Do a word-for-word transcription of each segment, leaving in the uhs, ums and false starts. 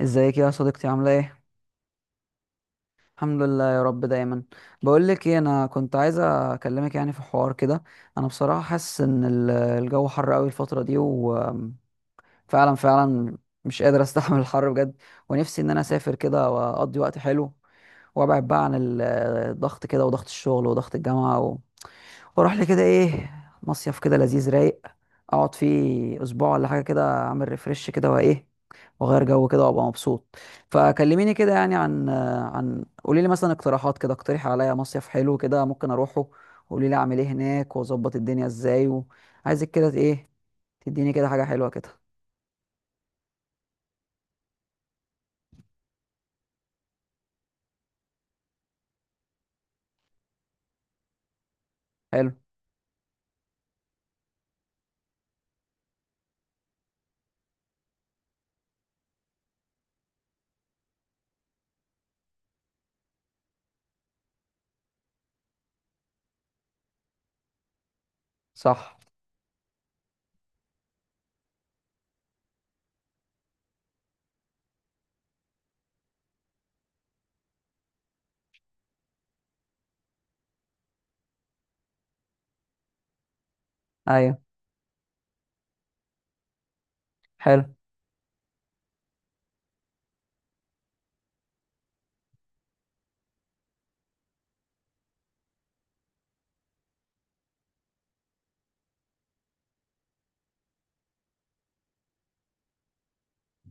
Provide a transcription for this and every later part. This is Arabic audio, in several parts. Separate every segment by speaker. Speaker 1: ازيك يا صديقتي، عاملة ايه؟ الحمد لله يا رب دايما. بقول لك ايه، انا كنت عايزة اكلمك يعني في حوار كده. انا بصراحة حاسس ان ال- الجو حر قوي الفترة دي، وفعلا فعلا مش قادر استحمل الحر بجد. ونفسي ان انا اسافر كده واقضي وقت حلو، وابعد بقى عن ال- الضغط كده، وضغط الشغل، وضغط الجامعة، واروح لي كده ايه، مصيف كده لذيذ رايق اقعد فيه اسبوع ولا حاجه، كده اعمل ريفرش كده وايه، واغير جو كده وابقى مبسوط. فكلميني كده يعني عن عن قولي لي مثلا اقتراحات كده، اقترحي عليا مصيف حلو كده ممكن اروحه. قولي لي اعمل ايه هناك واظبط الدنيا ازاي، وعايزك كده ايه تديني كده حاجه حلوه كده. حلو. صح. ايوه. حلو.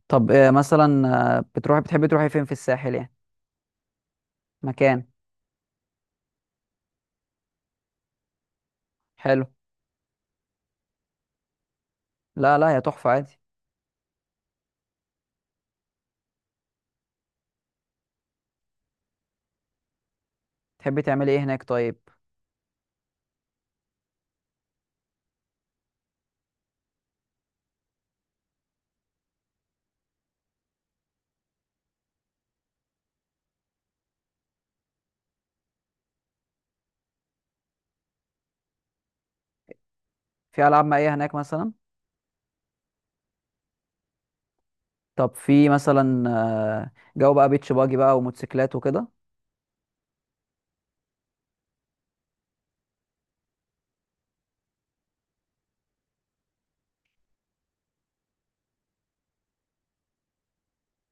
Speaker 1: طب إيه مثلا؟ آه، بتروحي بتحبي تروحي فين في الساحل يعني، مكان حلو؟ لا لا يا تحفه، عادي. تحبي تعملي ايه هناك طيب؟ في العاب مائيه هناك مثلا؟ طب في مثلا آه، جو بقى بيتش باجي بقى وموتوسيكلات وكده؟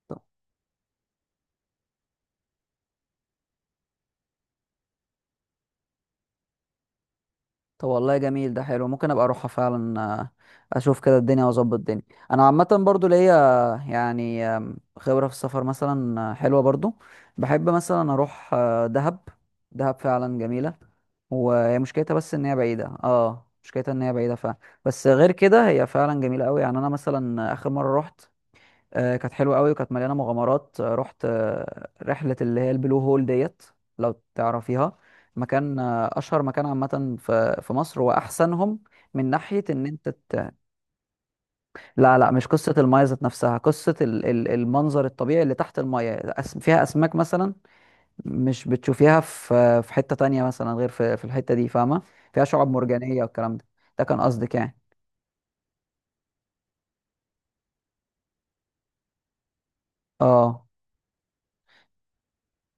Speaker 1: طب. طب والله جميل، ده حلو، ممكن ابقى اروحها فعلا. آه، اشوف كده الدنيا واظبط الدنيا. انا عامه برضو ليا آه، يعني آم، خبره في السفر مثلا، آه، حلوه برضو. بحب مثلا اروح آه، دهب. دهب فعلا جميله، وهي مشكلتها بس ان هي بعيده، اه مشكلتها ان هي بعيده فعلا. بس غير كده هي فعلا جميله قوي. يعني انا مثلا اخر مره رحت آه، كانت حلوه قوي وكانت مليانه مغامرات. آه، رحت آه، رحله اللي هي البلو هول ديت، لو تعرفيها. مكان آه، اشهر مكان عامه في في مصر واحسنهم، من ناحيه ان انت ت... لا لا، مش قصه المايه ذات نفسها، قصه ال- ال- المنظر الطبيعي اللي تحت المايه، أس- فيها اسماك مثلا مش بتشوفيها في في حته تانية مثلا غير في في الحته دي، فاهمه؟ فيها شعاب مرجانيه والكلام ده. ده كان قصدك يعني؟ اه،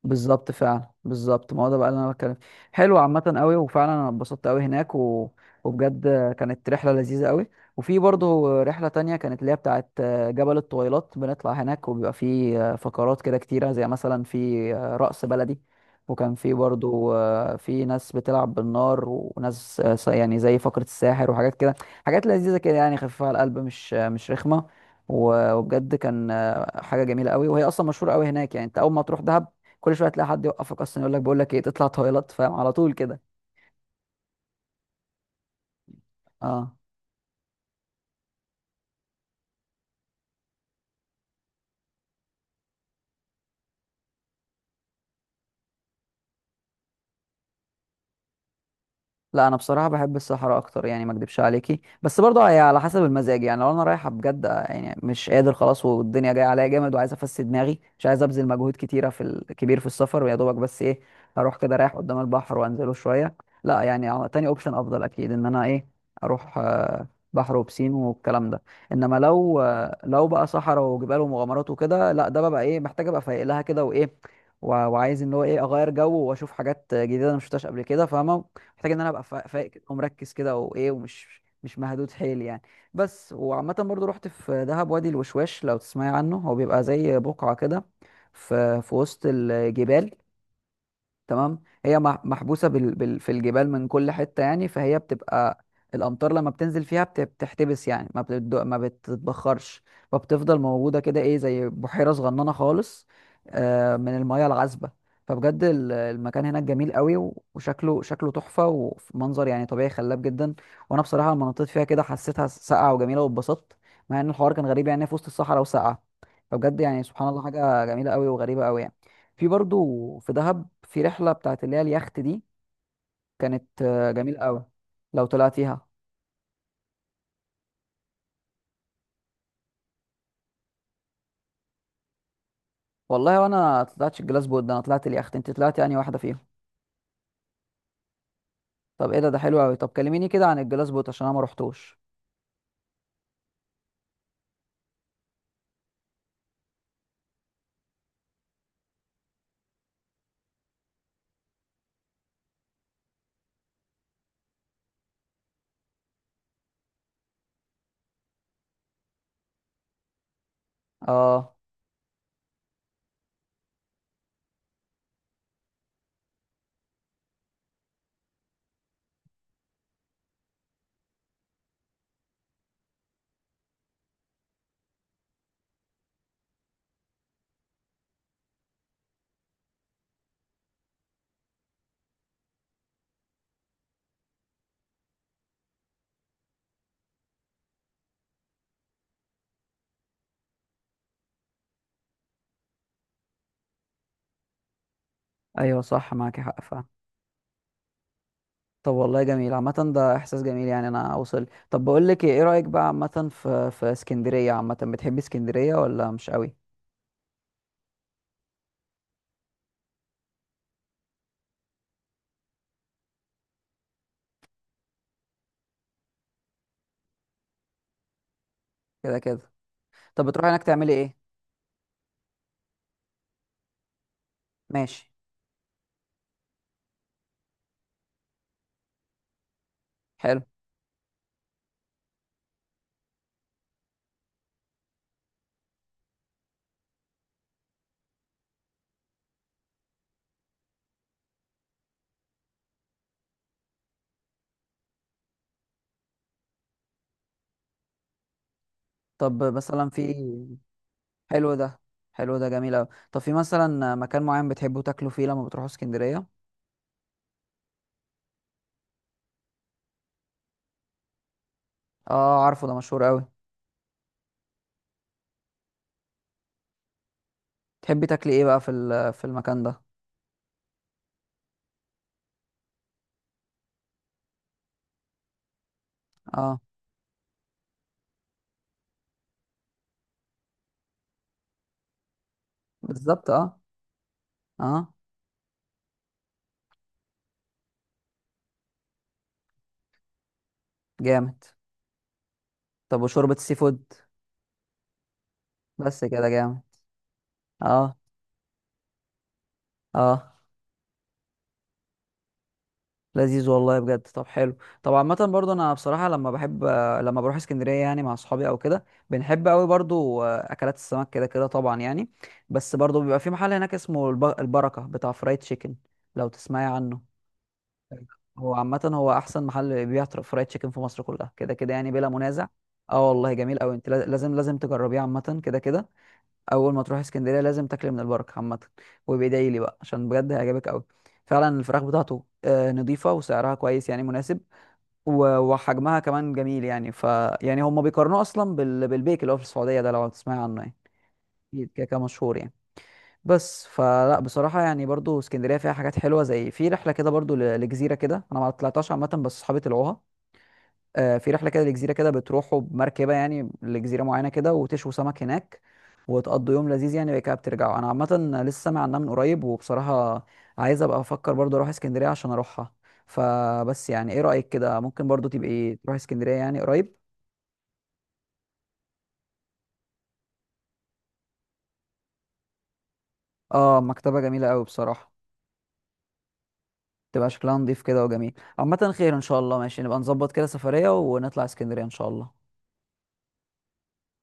Speaker 1: بالظبط، فعلا بالظبط، ما هو ده بقى اللي انا بتكلم. حلو عامه قوي، وفعلا انا اتبسطت قوي هناك. و... وبجد كانت رحله لذيذه قوي. وفي برضه رحله تانية كانت اللي هي بتاعه جبل الطويلات، بنطلع هناك وبيبقى في فقرات كده كتيره، زي مثلا في رقص بلدي، وكان في برضه في ناس بتلعب بالنار، وناس س- يعني زي فقره الساحر وحاجات كده. حاجات لذيذه كده يعني، خفيفه على القلب، مش مش رخمه. و- وبجد كان حاجه جميله قوي. وهي اصلا مشهوره قوي هناك، يعني انت اول ما تروح دهب كل شويه تلاقي حد يوقفك اصلا يقول لك بقول لك ايه تطلع تويلت، فاهم؟ على طول كده. اه. لا انا بصراحه بحب الصحراء اكتر يعني، ما اكدبش عليكي، بس برضه هي على حسب المزاج. يعني لو انا رايحه بجد آه، يعني مش قادر خلاص والدنيا جايه عليا جامد، وعايز افسد دماغي، مش عايز ابذل مجهود كتيره في الكبير في السفر، ويا دوبك بس ايه، اروح كده رايح قدام البحر وانزله شويه. لا يعني على- تاني اوبشن افضل اكيد، ان انا ايه، اروح آه، بحر وبسين والكلام ده. انما لو آه، لو بقى صحراء وجبال ومغامرات وكده، لا ده ببقى ايه، محتاج ابقى فايق لها كده وايه، و- وعايز ان هو ايه اغير جو واشوف حاجات جديده انا مشفتهاش قبل كده، فاهمه؟ محتاج ان انا ابقى فا- فايق كده ومركز كده وايه، ومش مش مهدود حيل يعني. بس. وعامة برضو رحت في دهب وادي الوشواش، لو تسمعي عنه. هو بيبقى زي بقعة كده في في وسط الجبال، تمام. هي مح- محبوسه بال... بال... في الجبال من كل حته يعني، فهي بتبقى الامطار لما بتنزل فيها بت... بتحتبس يعني، ما بتد... ما بتتبخرش، فبتفضل موجوده كده ايه، زي بحيره صغننه خالص، آه من المياه العذبه. فبجد ال- المكان هناك جميل قوي، و- وشكله شكله تحفه، ومنظر يعني طبيعي خلاب جدا. وانا بصراحه لما نطيت فيها كده حسيتها ساقعه وجميله واتبسطت، مع ان الحوار كان غريب يعني في وسط الصحراء وساقعه. فبجد يعني سبحان الله، حاجه جميله قوي وغريبه قوي يعني. في برضو في دهب في رحله بتاعت اللي هي اليخت دي، كانت آه، جميله قوي، لو طلعتيها. والله وانا طلعتش الجلاس بوت ده، انا طلعت اليخت، انت طلعتي يعني واحده فيهم؟ طب ايه ده، ده حلو قوي. طب كلميني كده عن الجلاس بوت عشان انا ما رحتوش. اه. ايوه صح، معاكي حق فعلا. طب والله جميل عامه، ده احساس جميل يعني انا اوصل. طب بقول لك ايه، إيه رايك بقى عامه في في اسكندريه؟ عامه بتحبي اسكندريه ولا مش قوي؟ كده كده. طب بتروحي هناك تعملي ايه؟ ماشي. حلو. طب مثلا في. حلو ده. حلو ده، جميل قوي. طب في مثلا مكان معين بتحبوا تاكلوا فيه لما بتروحوا اسكندرية؟ اه عارفه ده، مشهور قوي. تحبي تاكلي ايه بقى في ال- في المكان ده؟ اه، بالظبط. اه. اه. جامد. طب وشوربة السي فود؟ بس كده جامد. اه. اه. لذيذ والله بجد. طب حلو. طب عامة برضو انا بصراحة، لما بحب لما بروح اسكندرية يعني مع اصحابي او كده، بنحب قوي برضو اكلات السمك كده كده طبعا يعني. بس برضو بيبقى في محل هناك اسمه الب- البركة، بتاع فرايد تشيكن، لو تسمعي عنه. هو عامة هو أحسن محل بيبيع تر- فرايد تشيكن في مصر كلها كده كده يعني، بلا منازع. اه والله جميل أوي. أنت لا- لازم لازم تجربيه عامة كده كده. أول ما تروح اسكندرية لازم تاكل من البركة عامة، وبيدعي لي بقى عشان بجد هيعجبك أوي. فعلا الفراخ بتاعته آه، نضيفة، وسعرها كويس يعني مناسب، و- وحجمها كمان جميل يعني. ف يعني هما بيقارنوه أصلا بال... بالبيك اللي هو في السعودية ده، لو تسمعي عنه يعني، أكيد كده كده مشهور يعني. بس فلا بصراحة يعني برضو اسكندرية فيها حاجات حلوة، زي في رحلة كده برضو ل- لجزيرة كده، أنا ما طلعتهاش عامة بس صحابي طلعوها. آه، في رحلة كده لجزيرة كده، بتروحوا بمركبة يعني لجزيرة معينة كده، وتشووا سمك هناك، وتقضوا يوم لذيذ يعني، بعد كده بترجعوا. أنا عامة لسه سامع عنها من قريب، وبصراحة عايز أبقى أفكر برضو أروح اسكندرية عشان أروحها. فبس يعني إيه رأيك كده، ممكن برضو تبقي تروحي اسكندرية يعني قريب؟ اه مكتبة جميلة أوي بصراحة. تبقى شكلها نضيف كده وجميل. عامة خير ان شاء الله، ماشي نبقى نظبط كده سفرية ونطلع اسكندرية ان شاء الله.